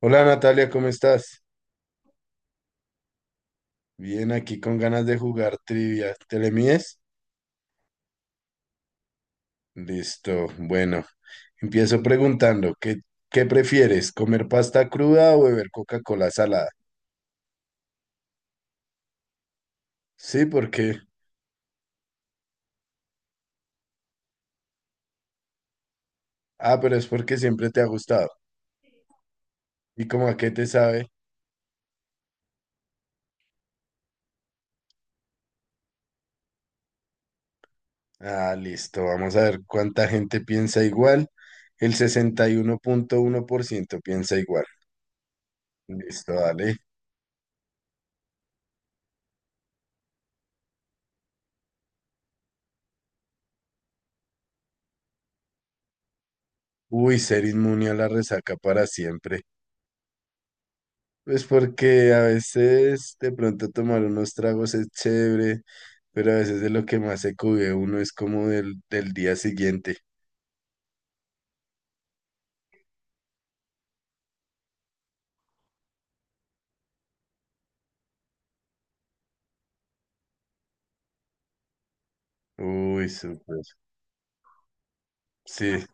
Hola Natalia, ¿cómo estás? Bien, aquí con ganas de jugar trivia. ¿Te le mides? Listo, bueno. Empiezo preguntando, ¿qué prefieres? ¿Comer pasta cruda o beber Coca-Cola salada? Sí, porque. Ah, pero es porque siempre te ha gustado. ¿Y cómo a qué te sabe? Ah, listo, vamos a ver cuánta gente piensa igual. El sesenta y uno punto uno por ciento piensa igual. Listo, dale. Uy, ser inmune a la resaca para siempre. Pues porque a veces de pronto tomar unos tragos es chévere, pero a veces de lo que más se cubre uno es como del día siguiente. Uy, súper. Sí,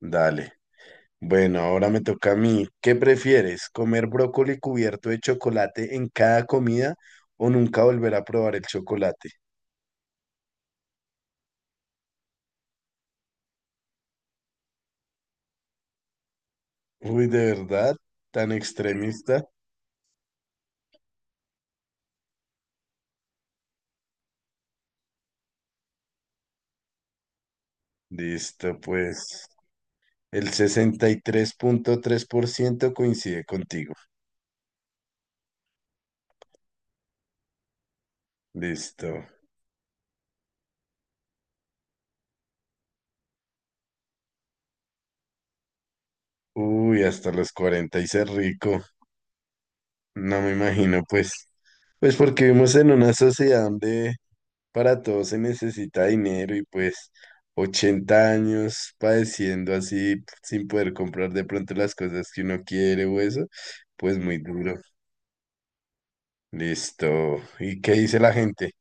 dale. Bueno, ahora me toca a mí. ¿Qué prefieres? ¿Comer brócoli cubierto de chocolate en cada comida o nunca volver a probar el chocolate? Uy, ¿de verdad? ¿Tan extremista? Listo, pues el sesenta y tres punto tres por ciento coincide contigo. Listo. Uy, hasta los 40 y ser rico. No me imagino, pues. Pues porque vivimos en una sociedad donde para todo se necesita dinero y pues 80 años padeciendo así sin poder comprar de pronto las cosas que uno quiere o eso, pues muy duro. Listo. ¿Y qué dice la gente?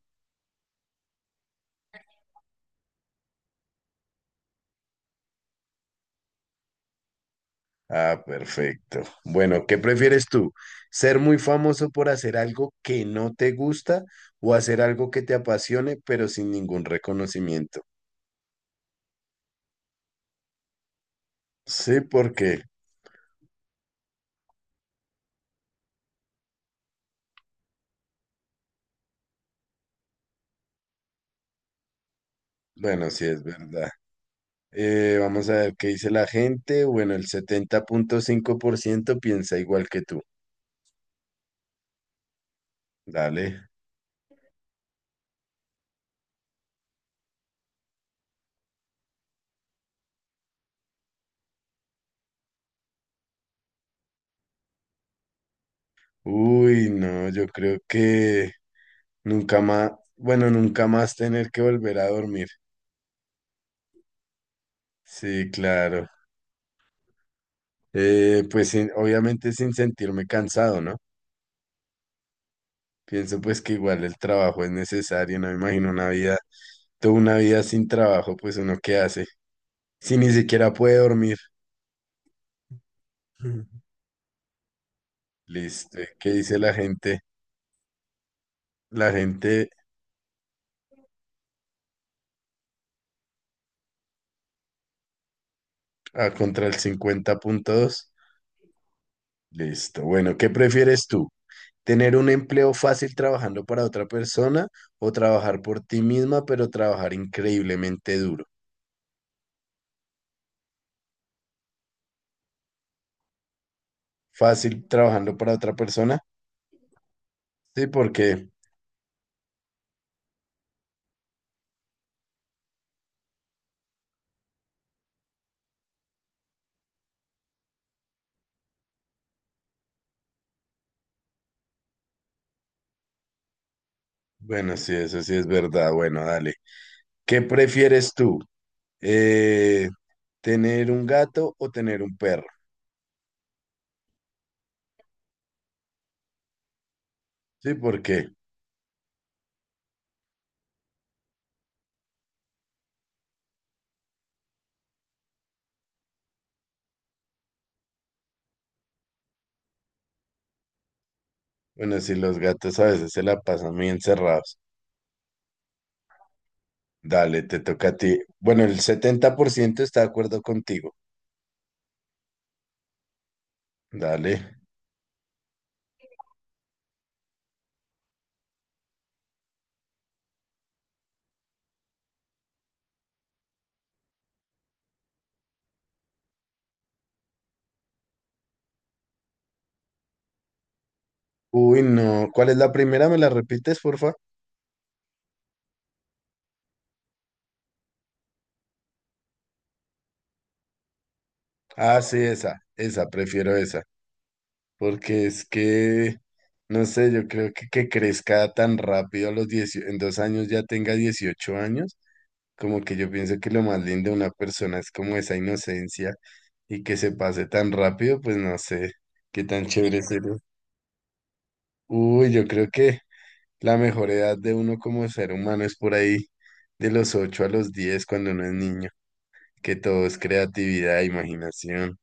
Ah, perfecto. Bueno, ¿qué prefieres tú? ¿Ser muy famoso por hacer algo que no te gusta o hacer algo que te apasione pero sin ningún reconocimiento? Sí, porque, bueno, sí es verdad. Vamos a ver qué dice la gente. Bueno, el 70.5% piensa igual que tú. Dale. Uy, no, yo creo que nunca más, bueno, nunca más tener que volver a dormir. Sí, claro. Pues obviamente sin sentirme cansado, ¿no? Pienso pues que igual el trabajo es necesario, no me imagino una vida, toda una vida sin trabajo, pues uno qué hace, si ni siquiera puede dormir. Listo. ¿Qué dice la gente? La gente a contra el 50.2. Listo. Bueno, ¿qué prefieres tú? ¿Tener un empleo fácil trabajando para otra persona o trabajar por ti misma, pero trabajar increíblemente duro? Fácil trabajando para otra persona. Sí, porque, bueno, sí, eso sí es verdad. Bueno, dale. ¿Qué prefieres tú? Eh, ¿Tener un gato o tener un perro? Sí, porque, bueno, sí los gatos a veces se la pasan muy encerrados. Dale, te toca a ti. Bueno, el 70% está de acuerdo contigo. Dale. Uy, no. ¿Cuál es la primera? ¿Me la repites, porfa? Ah, sí, esa. Esa, prefiero esa. Porque es que, no sé, yo creo que crezca tan rápido a los 10, en 2 años ya tenga 18 años, como que yo pienso que lo más lindo de una persona es como esa inocencia y que se pase tan rápido, pues no sé qué tan chévere sería. Uy, yo creo que. La mejor edad de uno como ser humano es por ahí de los 8 a los 10 cuando uno es niño, que todo es creatividad, imaginación.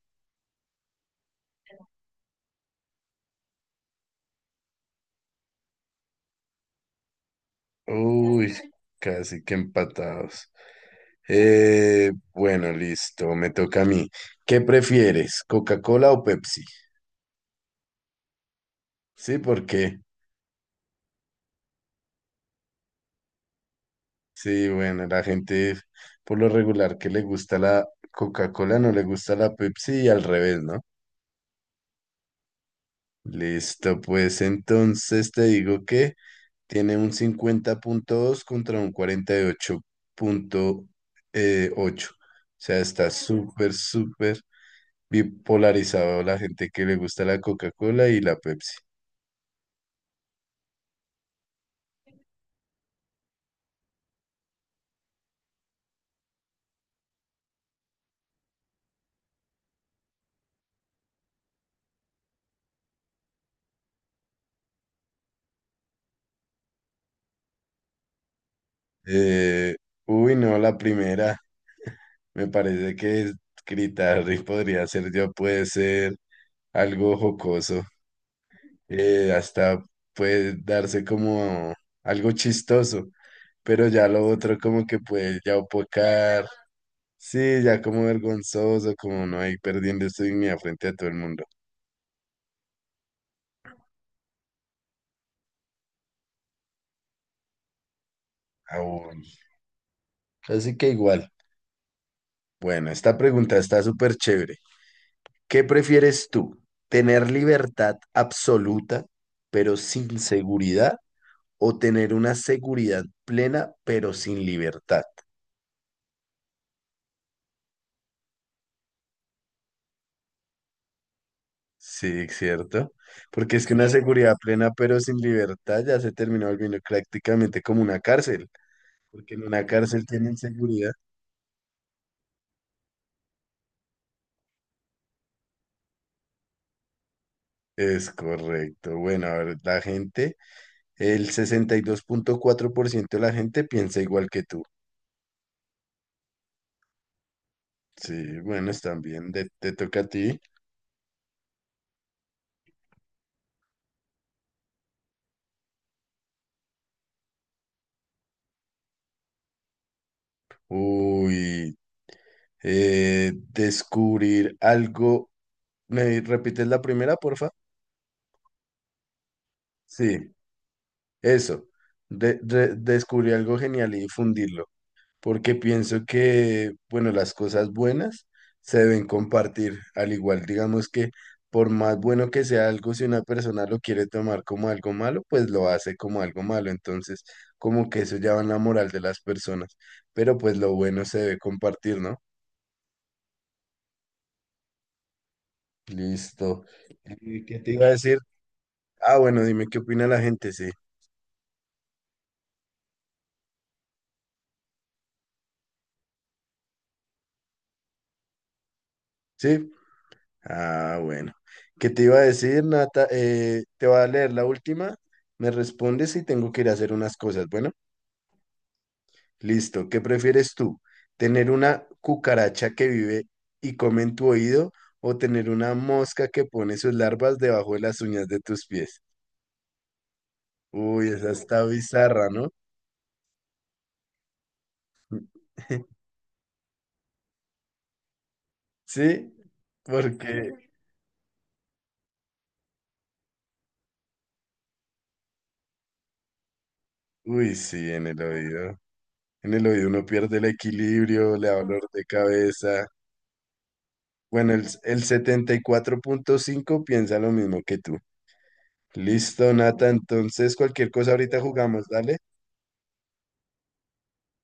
Uy, casi que empatados. Bueno, listo, me toca a mí. ¿Qué prefieres, Coca-Cola o Pepsi? Sí, ¿por qué? Sí, bueno, la gente por lo regular que le gusta la Coca-Cola no le gusta la Pepsi y al revés, ¿no? Listo, pues entonces te digo que. Tiene un 50.2 contra un 48.8. O sea, está súper, súper bipolarizado la gente que le gusta la Coca-Cola y la Pepsi. Eh, uy, no, la primera. Me parece que Critarri podría ser, ya puede ser algo jocoso. Hasta puede darse como algo chistoso. Pero ya lo otro como que puede ya opacar. Sí, ya como vergonzoso, como no hay perdiendo su dignidad frente a todo el mundo. Aún. Así que igual. Bueno, esta pregunta está súper chévere. ¿Qué prefieres tú? ¿Tener libertad absoluta, pero sin seguridad? ¿O tener una seguridad plena, pero sin libertad? Sí, ¿cierto? Porque es que una, sí, seguridad plena, pero sin libertad, ya se terminó volviendo prácticamente como una cárcel. Porque en una cárcel tienen seguridad. Es correcto. Bueno, a ver, la gente. El 62.4% de la gente piensa igual que tú. Sí, bueno, están bien. Te toca a ti. Uy, descubrir algo. ¿Me repites la primera, porfa? Sí, eso. Descubrir algo genial y difundirlo. Porque pienso que, bueno, las cosas buenas se deben compartir, al igual, digamos que por más bueno que sea algo, si una persona lo quiere tomar como algo malo, pues lo hace como algo malo, entonces como que eso ya va en la moral de las personas, pero pues lo bueno se debe compartir, ¿no? Listo. ¿Qué te iba a decir? Ah, bueno, dime qué opina la gente, sí. ¿Sí? Ah, bueno. ¿Qué te iba a decir, Nata? Te voy a leer la última. Me respondes y tengo que ir a hacer unas cosas. Bueno. Listo. ¿Qué prefieres tú? ¿Tener una cucaracha que vive y come en tu oído o tener una mosca que pone sus larvas debajo de las uñas de tus pies? Uy, esa está bizarra, ¿no? Sí, porque, uy, sí, en el oído. En el oído uno pierde el equilibrio, le da dolor de cabeza. Bueno, el 74.5 piensa lo mismo que tú. Listo, Nata. Entonces, cualquier cosa ahorita jugamos, dale.